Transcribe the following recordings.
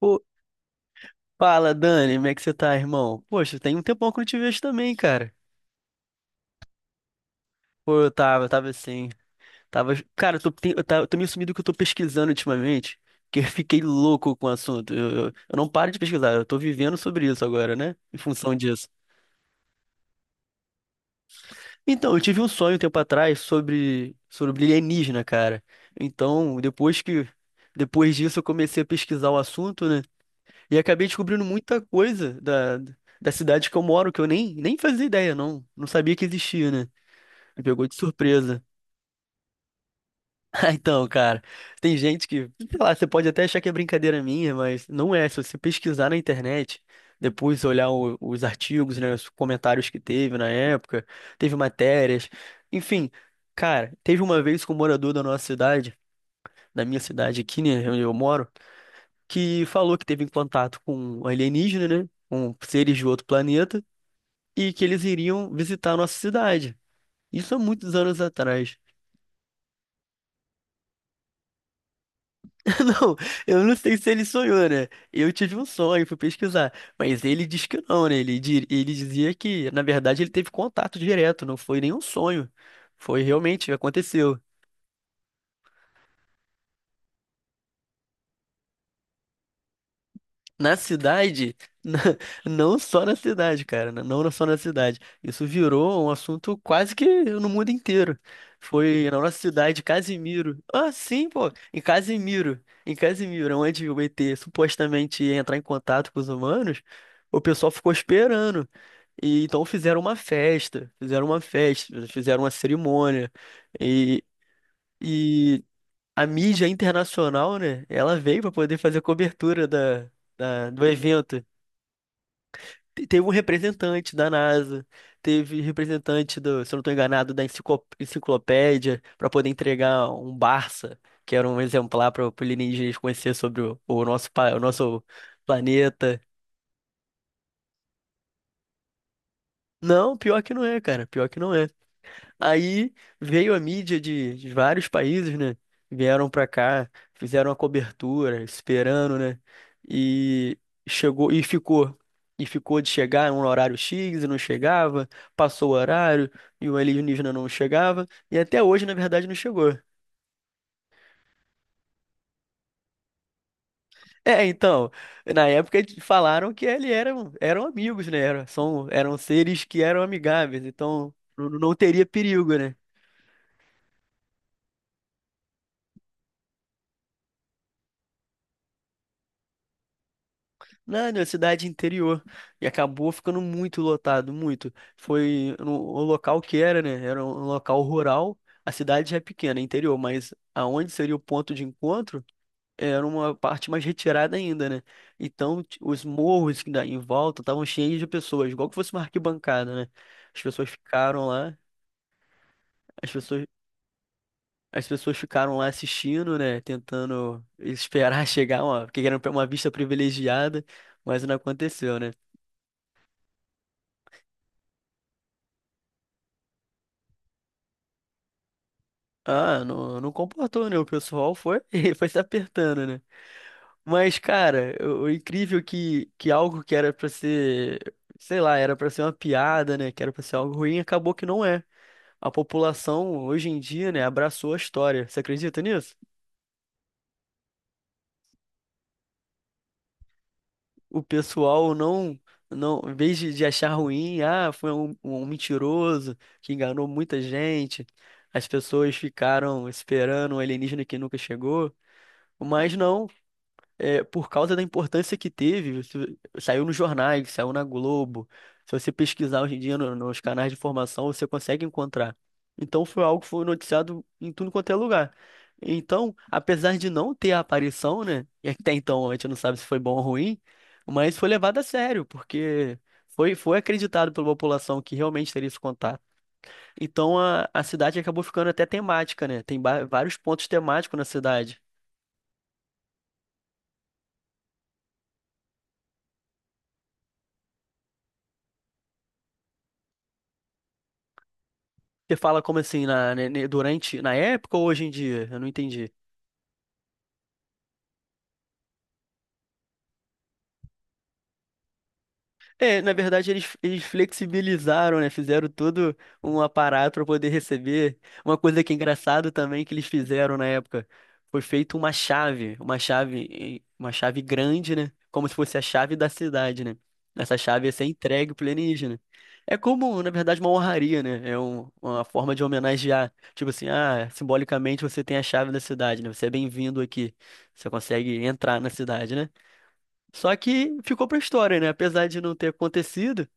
Pô, fala, Dani, como é que você tá, irmão? Poxa, tem um tempão que eu não te vejo também, cara. Pô, eu tava assim, Cara, eu tô meio sumido que eu tô pesquisando ultimamente, que eu fiquei louco com o assunto. Eu não paro de pesquisar, eu tô vivendo sobre isso agora, né? Em função disso. Então, eu tive um sonho um tempo atrás sobre alienígena, cara. Então, depois que... Depois disso, eu comecei a pesquisar o assunto, né? E acabei descobrindo muita coisa da cidade que eu moro, que eu nem fazia ideia, não. Não sabia que existia, né? Me pegou de surpresa. Então, cara, tem gente que, sei lá, você pode até achar que é brincadeira minha, mas não é. Se você pesquisar na internet, depois olhar os artigos, né, os comentários que teve na época, teve matérias, enfim, cara, teve uma vez que um morador da nossa cidade, da minha cidade aqui, né, onde eu moro, que falou que teve em contato com alienígena, né? Com seres de outro planeta, e que eles iriam visitar a nossa cidade. Isso há muitos anos atrás. Não, eu não sei se ele sonhou, né? Eu tive um sonho, fui pesquisar. Mas ele diz que não, né? Ele dizia que, na verdade, ele teve contato direto, não foi nenhum sonho. Foi realmente, aconteceu. Na cidade, não só na cidade, cara, né, não só na cidade. Isso virou um assunto quase que no mundo inteiro. Foi na nossa cidade, Casimiro. Ah, sim, pô, em Casimiro. Em Casimiro, onde o ET supostamente ia entrar em contato com os humanos, o pessoal ficou esperando. E então fizeram uma festa, fizeram uma cerimônia. E a mídia internacional, né? Ela veio para poder fazer a cobertura do evento. Teve um representante da NASA, teve representante do, se eu não estou enganado, da enciclopédia, para poder entregar um Barça, que era um exemplar para o alienígenas conhecer sobre o nosso, o nosso planeta. Não, pior que não é, cara. Pior que não é. Aí veio a mídia de vários países, né? Vieram pra cá, fizeram a cobertura, esperando, né? E chegou e ficou. E ficou de chegar no horário X e não chegava, passou o horário e o alienígena não chegava, e até hoje, na verdade, não chegou. É, então, na época eles falaram que eram amigos, né? Eram, são, eram seres que eram amigáveis, então não teria perigo, né? Não, na cidade interior. E acabou ficando muito lotado, muito. Foi no, o local que era, né? Era um local rural. A cidade já é pequena, é interior, mas aonde seria o ponto de encontro era uma parte mais retirada ainda, né? Então os morros que dá em volta estavam cheios de pessoas, igual que fosse uma arquibancada, né? As pessoas ficaram lá, as pessoas, as pessoas ficaram lá assistindo, né? Tentando esperar chegar, uma, porque era uma vista privilegiada, mas não aconteceu, né? Ah, não, não comportou, né? O pessoal foi, foi se apertando, né? Mas, cara, o incrível é que algo que era pra ser, sei lá, era pra ser uma piada, né? Que era pra ser algo ruim, acabou que não é. A população, hoje em dia, né, abraçou a história. Você acredita nisso? O pessoal não, não, em vez de achar ruim, ah, foi um mentiroso que enganou muita gente. As pessoas ficaram esperando um alienígena que nunca chegou. Mas não. É, por causa da importância que teve, isso saiu nos jornais, saiu na Globo. Se você pesquisar hoje em dia nos canais de informação, você consegue encontrar. Então foi algo que foi noticiado em tudo quanto é lugar. Então, apesar de não ter a aparição, né? E até então a gente não sabe se foi bom ou ruim, mas foi levado a sério, porque foi acreditado pela população que realmente teria esse contato. Então a cidade acabou ficando até temática, né? Tem vários pontos temáticos na cidade. Você fala como assim, na, ne- ne- durante, na época ou hoje em dia? Eu não entendi. É, na verdade, eles flexibilizaram, né? Fizeram todo um aparato para poder receber. Uma coisa que é engraçado também que eles fizeram na época foi feito uma chave, uma chave grande, né? Como se fosse a chave da cidade, né? Essa chave ia ser entregue pro alienígena. É como, na verdade, uma honraria, né? Uma forma de homenagear. Tipo assim, ah, simbolicamente você tem a chave da cidade, né? Você é bem-vindo aqui. Você consegue entrar na cidade, né? Só que ficou pra história, né? Apesar de não ter acontecido,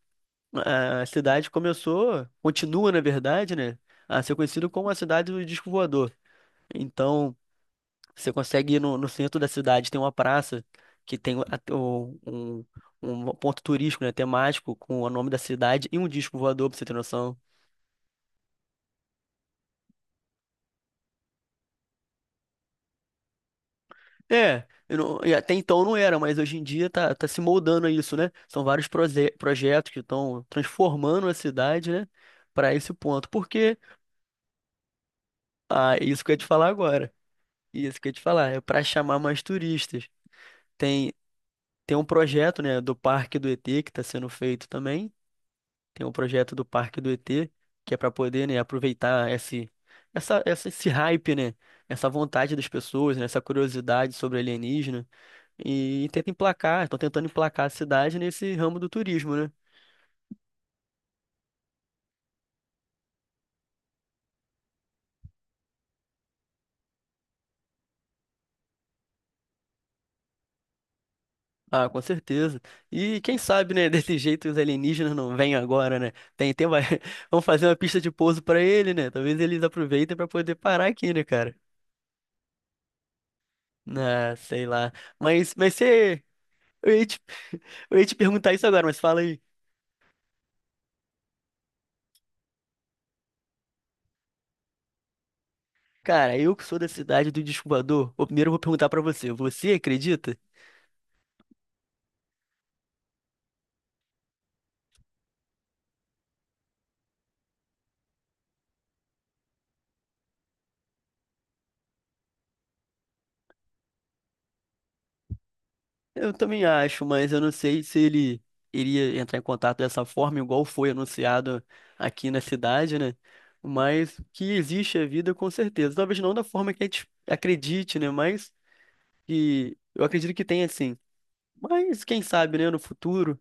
a cidade começou, continua, na verdade, né? A ser conhecida como a cidade do disco voador. Então, você consegue ir no centro da cidade, tem uma praça que tem um ponto turístico, né? Temático, com o nome da cidade e um disco voador, pra você ter noção. É, eu não- E até então não era, mas hoje em dia tá, tá se moldando a isso, né? São vários projetos que estão transformando a cidade, né? Para esse ponto. Porque. Ah, isso que eu ia te falar agora. Isso que eu ia te falar. É para chamar mais turistas. Tem, tem um projeto, né, do Parque do ET que está sendo feito também. Tem um projeto do Parque do ET, que é para poder, né, aproveitar esse hype, né? Essa vontade das pessoas, né, essa curiosidade sobre alienígena. E tenta emplacar, estão tentando emplacar a cidade nesse ramo do turismo, né? Ah, com certeza. E quem sabe, né, desse jeito os alienígenas não vêm agora, né? Vai... Vamos fazer uma pista de pouso pra ele, né? Talvez eles aproveitem pra poder parar aqui, né, cara? Ah, sei lá. Mas você... Eu ia te... eu ia te perguntar isso agora, mas fala aí. Cara, eu que sou da cidade do Descubador, eu primeiro vou perguntar pra você. Você acredita? Eu também acho, mas eu não sei se ele iria entrar em contato dessa forma, igual foi anunciado aqui na cidade, né? Mas que existe a vida, com certeza. Talvez não da forma que a gente acredite, né? Mas que eu acredito que tenha sim. Mas quem sabe, né, no futuro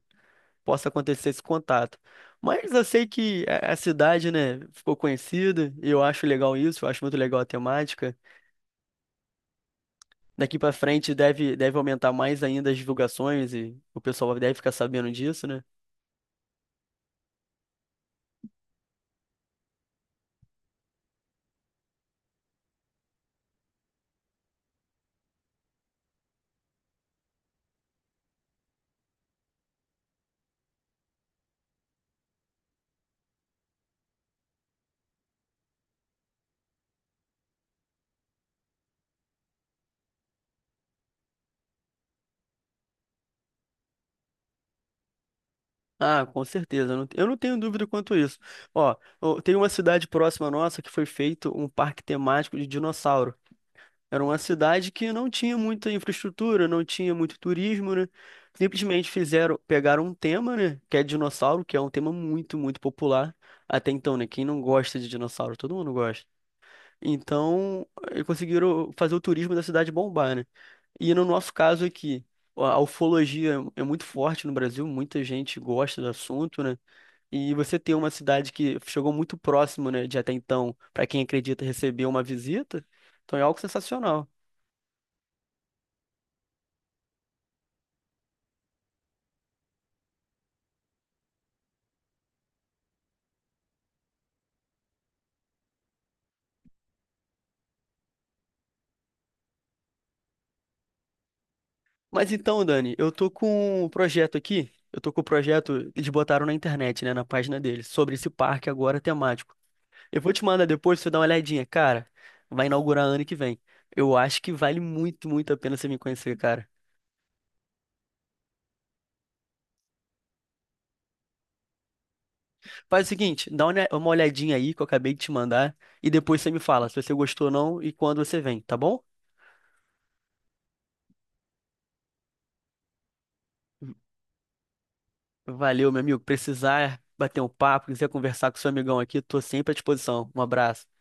possa acontecer esse contato. Mas eu sei que a cidade, né, ficou conhecida, e eu acho legal isso, eu acho muito legal a temática. Daqui pra frente deve aumentar mais ainda as divulgações e o pessoal deve ficar sabendo disso, né? Ah, com certeza. Eu eu não tenho dúvida quanto a isso. Ó, tem uma cidade próxima nossa que foi feito um parque temático de dinossauro. Era uma cidade que não tinha muita infraestrutura, não tinha muito turismo, né? Simplesmente fizeram, pegaram um tema, né? Que é dinossauro, que é um tema muito popular até então, né? Quem não gosta de dinossauro? Todo mundo gosta. Então, conseguiram fazer o turismo da cidade bombar, né? E no nosso caso aqui, a ufologia é muito forte no Brasil, muita gente gosta do assunto, né? E você ter uma cidade que chegou muito próximo, né, de até então, para quem acredita receber uma visita, então é algo sensacional. Mas então, Dani, eu tô com o projeto, eles botaram na internet, né, na página deles, sobre esse parque agora temático. Eu vou te mandar depois, você dá uma olhadinha, cara. Vai inaugurar ano que vem. Eu acho que vale muito a pena você me conhecer, cara. Faz o seguinte, dá uma olhadinha aí que eu acabei de te mandar e depois você me fala se você gostou ou não e quando você vem, tá bom? Valeu, meu amigo. Precisar bater um papo, quiser conversar com seu amigão aqui, tô sempre à disposição. Um abraço.